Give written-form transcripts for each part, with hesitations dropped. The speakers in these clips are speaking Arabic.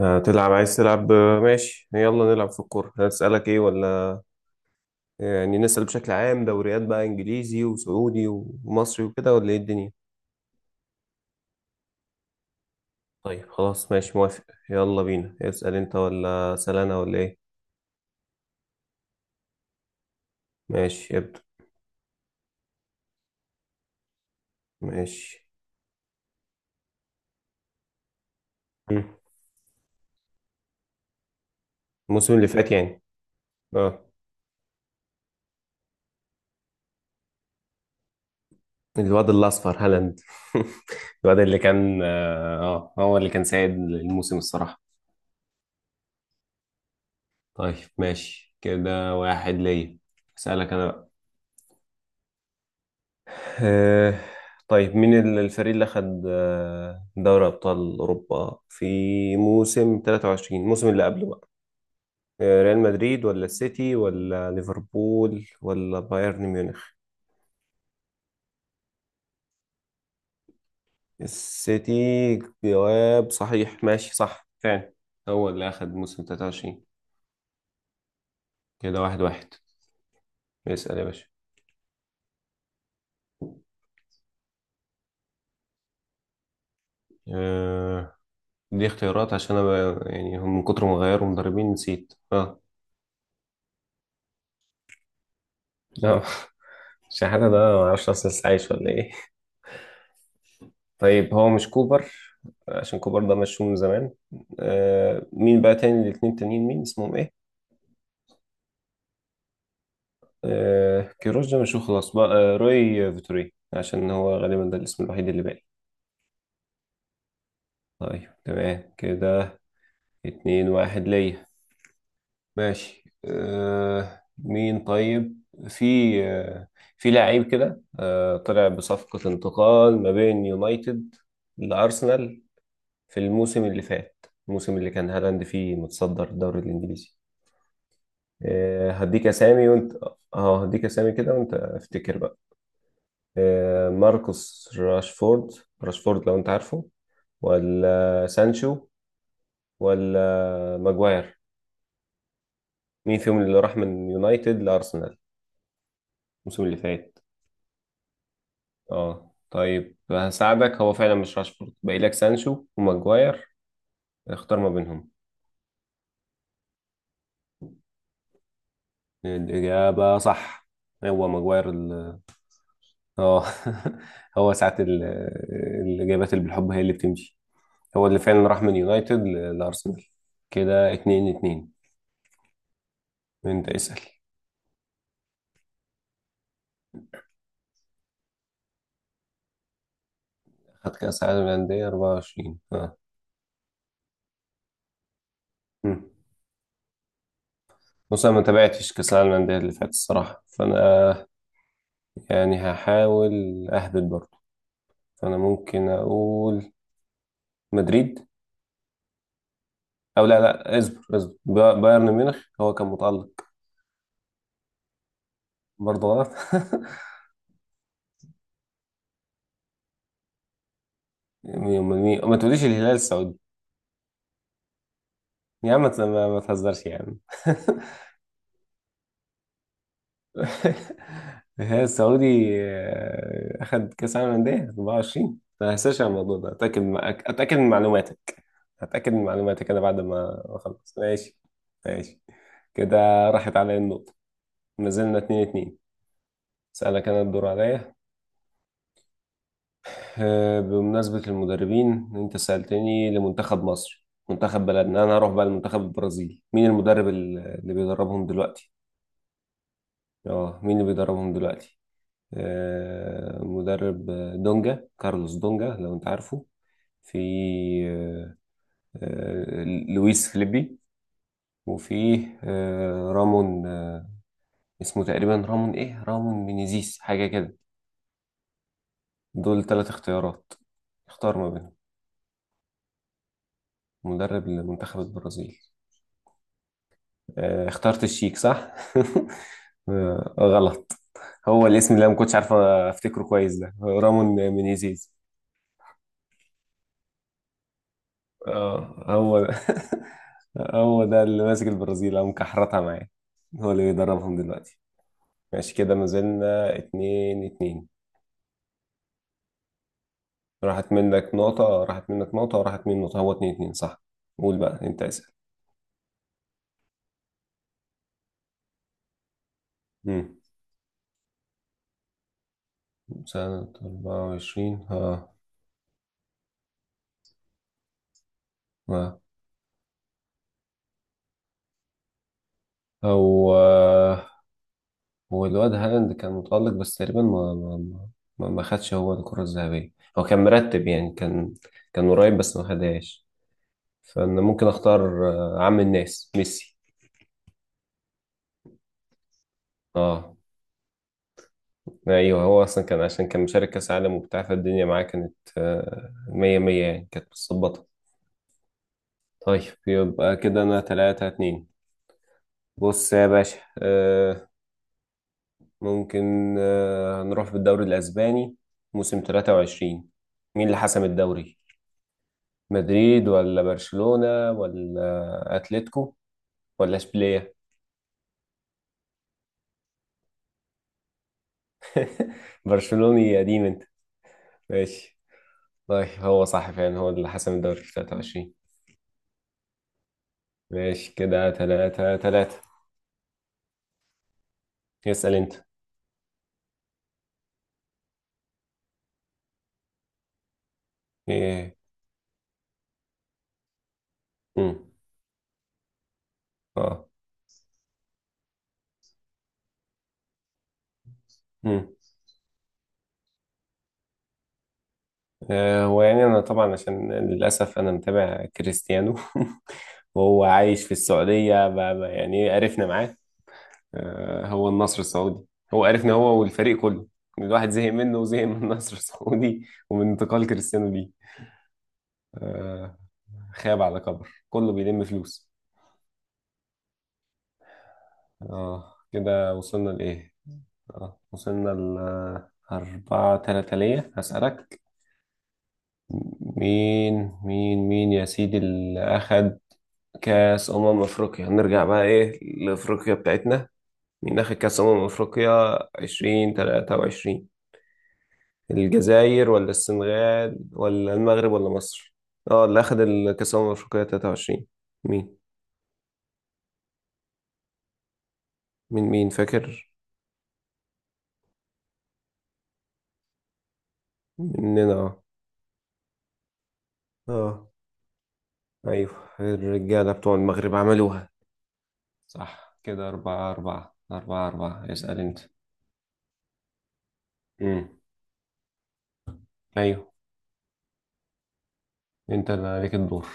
هتلعب عايز تلعب ماشي يلا نلعب في الكورة. هسألك ايه ولا نسأل بشكل عام، دوريات بقى انجليزي وسعودي ومصري وكده ولا ايه الدنيا؟ طيب خلاص ماشي موافق. يلا بينا، اسأل انت ولا أسأل انا ولا ايه؟ ماشي ابدأ. ماشي. مم. الموسم اللي فات يعني. اه الواد الأصفر هالاند. الواد اللي كان هو اللي كان سائد الموسم الصراحة. طيب ماشي، كده واحد ليا. أسألك انا بقى. آه، طيب مين الفريق اللي أخد دوري أبطال أوروبا في موسم 23، الموسم اللي قبله بقى؟ ريال مدريد ولا السيتي ولا ليفربول ولا بايرن ميونخ؟ السيتي، جواب صحيح، ماشي صح فعلا. هو اللي أخد موسم 23. كده واحد واحد. اسأل يا باشا. آه، دي اختيارات عشان أنا يعني هم من كتر ما غيروا مدربين نسيت. اه لا. شحاتة ده معرفش أصلا لسه عايش ولا إيه. طيب هو مش كوبر، عشان كوبر ده مشهور من زمان. آه مين بقى تاني الاتنين تانيين، مين اسمهم ايه؟ آه كيروش ده مشهور خلاص بقى. آه روي فيتوري، عشان هو غالبا ده الاسم الوحيد اللي باقي. طيب تمام كده، اتنين واحد ليا. ماشي آه، مين طيب؟ في آه في لعيب كده، آه طلع بصفقة انتقال ما بين يونايتد لأرسنال في الموسم اللي فات، الموسم اللي كان هالاند فيه متصدر الدوري الإنجليزي. هديك اسامي وانت. اه هديك اسامي كده وانت افتكر بقى. ماركوس راشفورد، راشفورد لو انت عارفه، ولا سانشو، ولا ماجواير؟ مين فيهم اللي راح من يونايتد لارسنال الموسم اللي فات؟ اه طيب هساعدك، هو فعلا مش راشفورد، باقي لك سانشو وماجواير. اختار ما بينهم. الاجابه صح. هو ماجواير اه. هو ساعات الاجابات اللي بالحب هي اللي بتمشي. هو اللي فعلا راح من يونايتد لأرسنال. كده اتنين اتنين، انت اسأل. خد كأس العالم للأندية 24. اه. مم. بص أنا ما تابعتش كأس العالم للأندية اللي فات الصراحة، فأنا يعني هحاول أهبط برضه. فأنا ممكن أقول مدريد. أو لا لا، اصبر اصبر، بايرن ميونخ هو كان متألق. برضه غلط. ما تقوليش الهلال السعودي. يا عم ما تهزرش يا عم. هي السعودي. أخد كأس عالم للأندية 24، ما هنساش على الموضوع ده. أتأكد، أتأكد من معلوماتك، أتأكد من معلوماتك أنا بعد ما أخلص. ماشي ماشي كده، راحت عليا النقطة. ما زلنا 2 2. أسألك أنا، الدور عليا. بمناسبة المدربين، أنت سألتني لمنتخب مصر منتخب بلدنا، أنا هروح بقى لمنتخب البرازيل. مين المدرب اللي بيدربهم دلوقتي؟ أه مين اللي بيدربهم دلوقتي؟ مدرب، دونجا، كارلوس دونجا لو انت عارفه. في آه، لويس فليبي. وفي آه، رامون اسمه تقريبا رامون ايه، رامون مينيزيس حاجة كده. دول ثلاث اختيارات، اختار ما بينهم. مدرب لمنتخب البرازيل. اخترت الشيك صح؟ غلط. هو الاسم اللي انا ما كنتش عارف افتكره كويس ده رامون مينيزيز. اه هو ده. هو ده اللي ماسك البرازيل او مكحرتها معاه، هو اللي بيدربهم دلوقتي. ماشي كده، ما زلنا اتنين اتنين. راحت منك نقطة، راحت منك نقطة وراحت مني نقطة، هو اتنين اتنين صح. قول بقى، انت اسأل. مم. سنة أربعة وعشرين، ها؟ ها؟ هو هو الواد هالاند كان متألق، بس تقريبا ما خدش هو الكرة الذهبية. هو كان مرتب يعني، كان قريب بس ما خدهاش. فأنا ممكن أختار عم الناس ميسي. اه ايوه، هو اصلا كان عشان كان مشارك كاس عالم وبتاع، فالدنيا معاه كانت مية مية يعني كانت متظبطة. طيب يبقى كده انا تلاتة اتنين. بص يا باشا، آه، ممكن هنروح في الدوري الاسباني موسم تلاتة وعشرين. مين اللي حسم الدوري؟ مدريد ولا برشلونة ولا اتلتيكو ولا اشبيلية؟ برشلوني قديم انت. ماشي. طيب هو صح فعلا، هو اللي حسم الدوري في 23. ماشي كده تلاتة تلاتة. يسأل انت. ايه؟ امم. اه. امم. هو يعني انا طبعا عشان للاسف انا متابع كريستيانو. وهو عايش في السعوديه، يعني عرفنا معاه. هو النصر السعودي. هو عرفنا، هو والفريق كله. الواحد زهق منه وزهق من النصر السعودي ومن انتقال كريستيانو ليه. آه، خاب على كبر، كله بيلم فلوس. اه كده وصلنا لايه؟ اه وصلنا ل أربعة تلاتة ليا. هسألك. مين يا سيدي اللي أخد كاس أمم أفريقيا؟ هنرجع بقى إيه لأفريقيا بتاعتنا. مين أخد كاس أمم أفريقيا 2023؟ الجزائر ولا السنغال ولا المغرب ولا مصر؟ اه اللي أخد الكاس أمم أفريقيا 23، مين؟ مين فاكر. مننا، اه. اه أيوه. الرجالة بتوع المغرب عملوها. صح كده، أربعة أربعة أربعة أربعة. اسأل أنت. امم. أيوه، أنت اللي عليك الدور.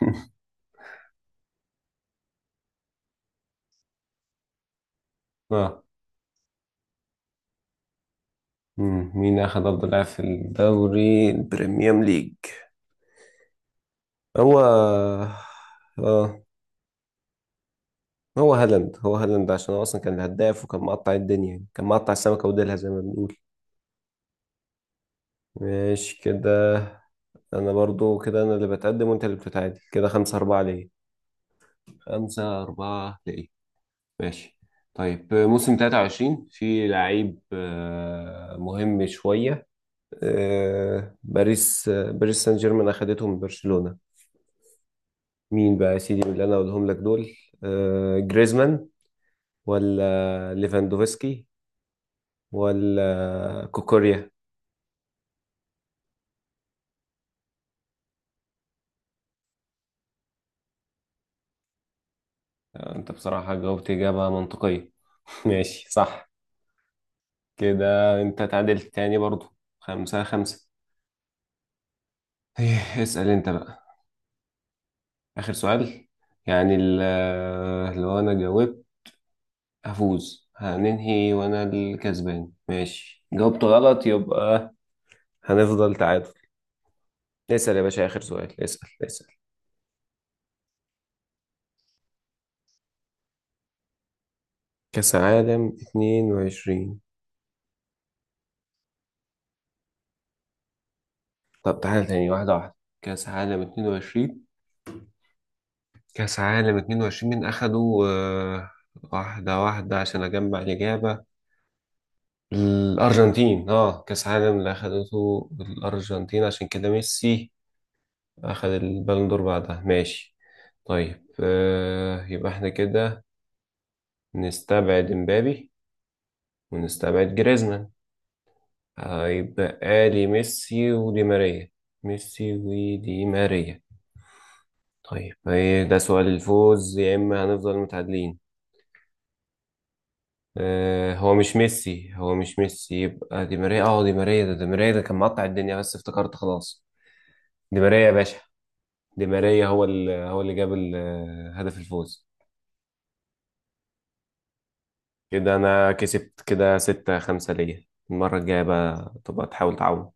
اه مم. مين أخذ أفضل لاعب في الدوري البريميوم ليج؟ هو آه، هو هالاند. هو هالاند عشان هو أصلا كان الهداف وكان مقطع الدنيا، يعني كان مقطع السمكة وديلها زي ما بنقول. ماشي كده. أنا برضو كده أنا اللي بتقدم وأنت اللي بتتعادل. كده خمسة أربعة ليه، خمسة أربعة ليه. ماشي. طيب موسم 23، في لعيب مهم شوية، باريس باريس سان جيرمان أخدته من برشلونة. مين بقى يا سيدي من اللي انا اقولهم لك دول؟ جريزمان، ولا ليفاندوفسكي، ولا كوكوريا؟ انت بصراحة جاوبت إجابة منطقية. ماشي صح. كده انت تعادلت تاني برضو، خمسة خمسة. إيه، اسأل انت بقى. آخر سؤال. يعني لو انا جاوبت هفوز، هننهي وانا الكسبان. ماشي، جاوبت غلط يبقى هنفضل تعادل. اسأل يا باشا، آخر سؤال، اسأل. كأس العالم 22. طب تعالى تاني، واحدة واحدة. كأس عالم 22، كأس عالم 22 مين أخده؟ واحدة واحدة عشان أجمع الإجابة. الأرجنتين، اه كأس عالم اللي أخدته الأرجنتين، عشان كده ميسي أخد البالون دور بعدها ماشي. طيب آه، يبقى احنا كده نستبعد مبابي ونستبعد جريزمان، هيبقى لي ميسي ودي ماريا. ميسي ودي ماريا. طيب ايه ده سؤال الفوز، يا اما هنفضل متعادلين. آه هو مش ميسي يبقى دي ماريا. اه دي ماريا ده، دي ماريا ده كان مقطع الدنيا بس افتكرت خلاص. دي ماريا يا باشا، دي ماريا هو اللي، هو اللي جاب هدف الفوز. كده انا كسبت، كده ستة خمسة ليا. المرة الجاية بقى تبقى تحاول تعوض.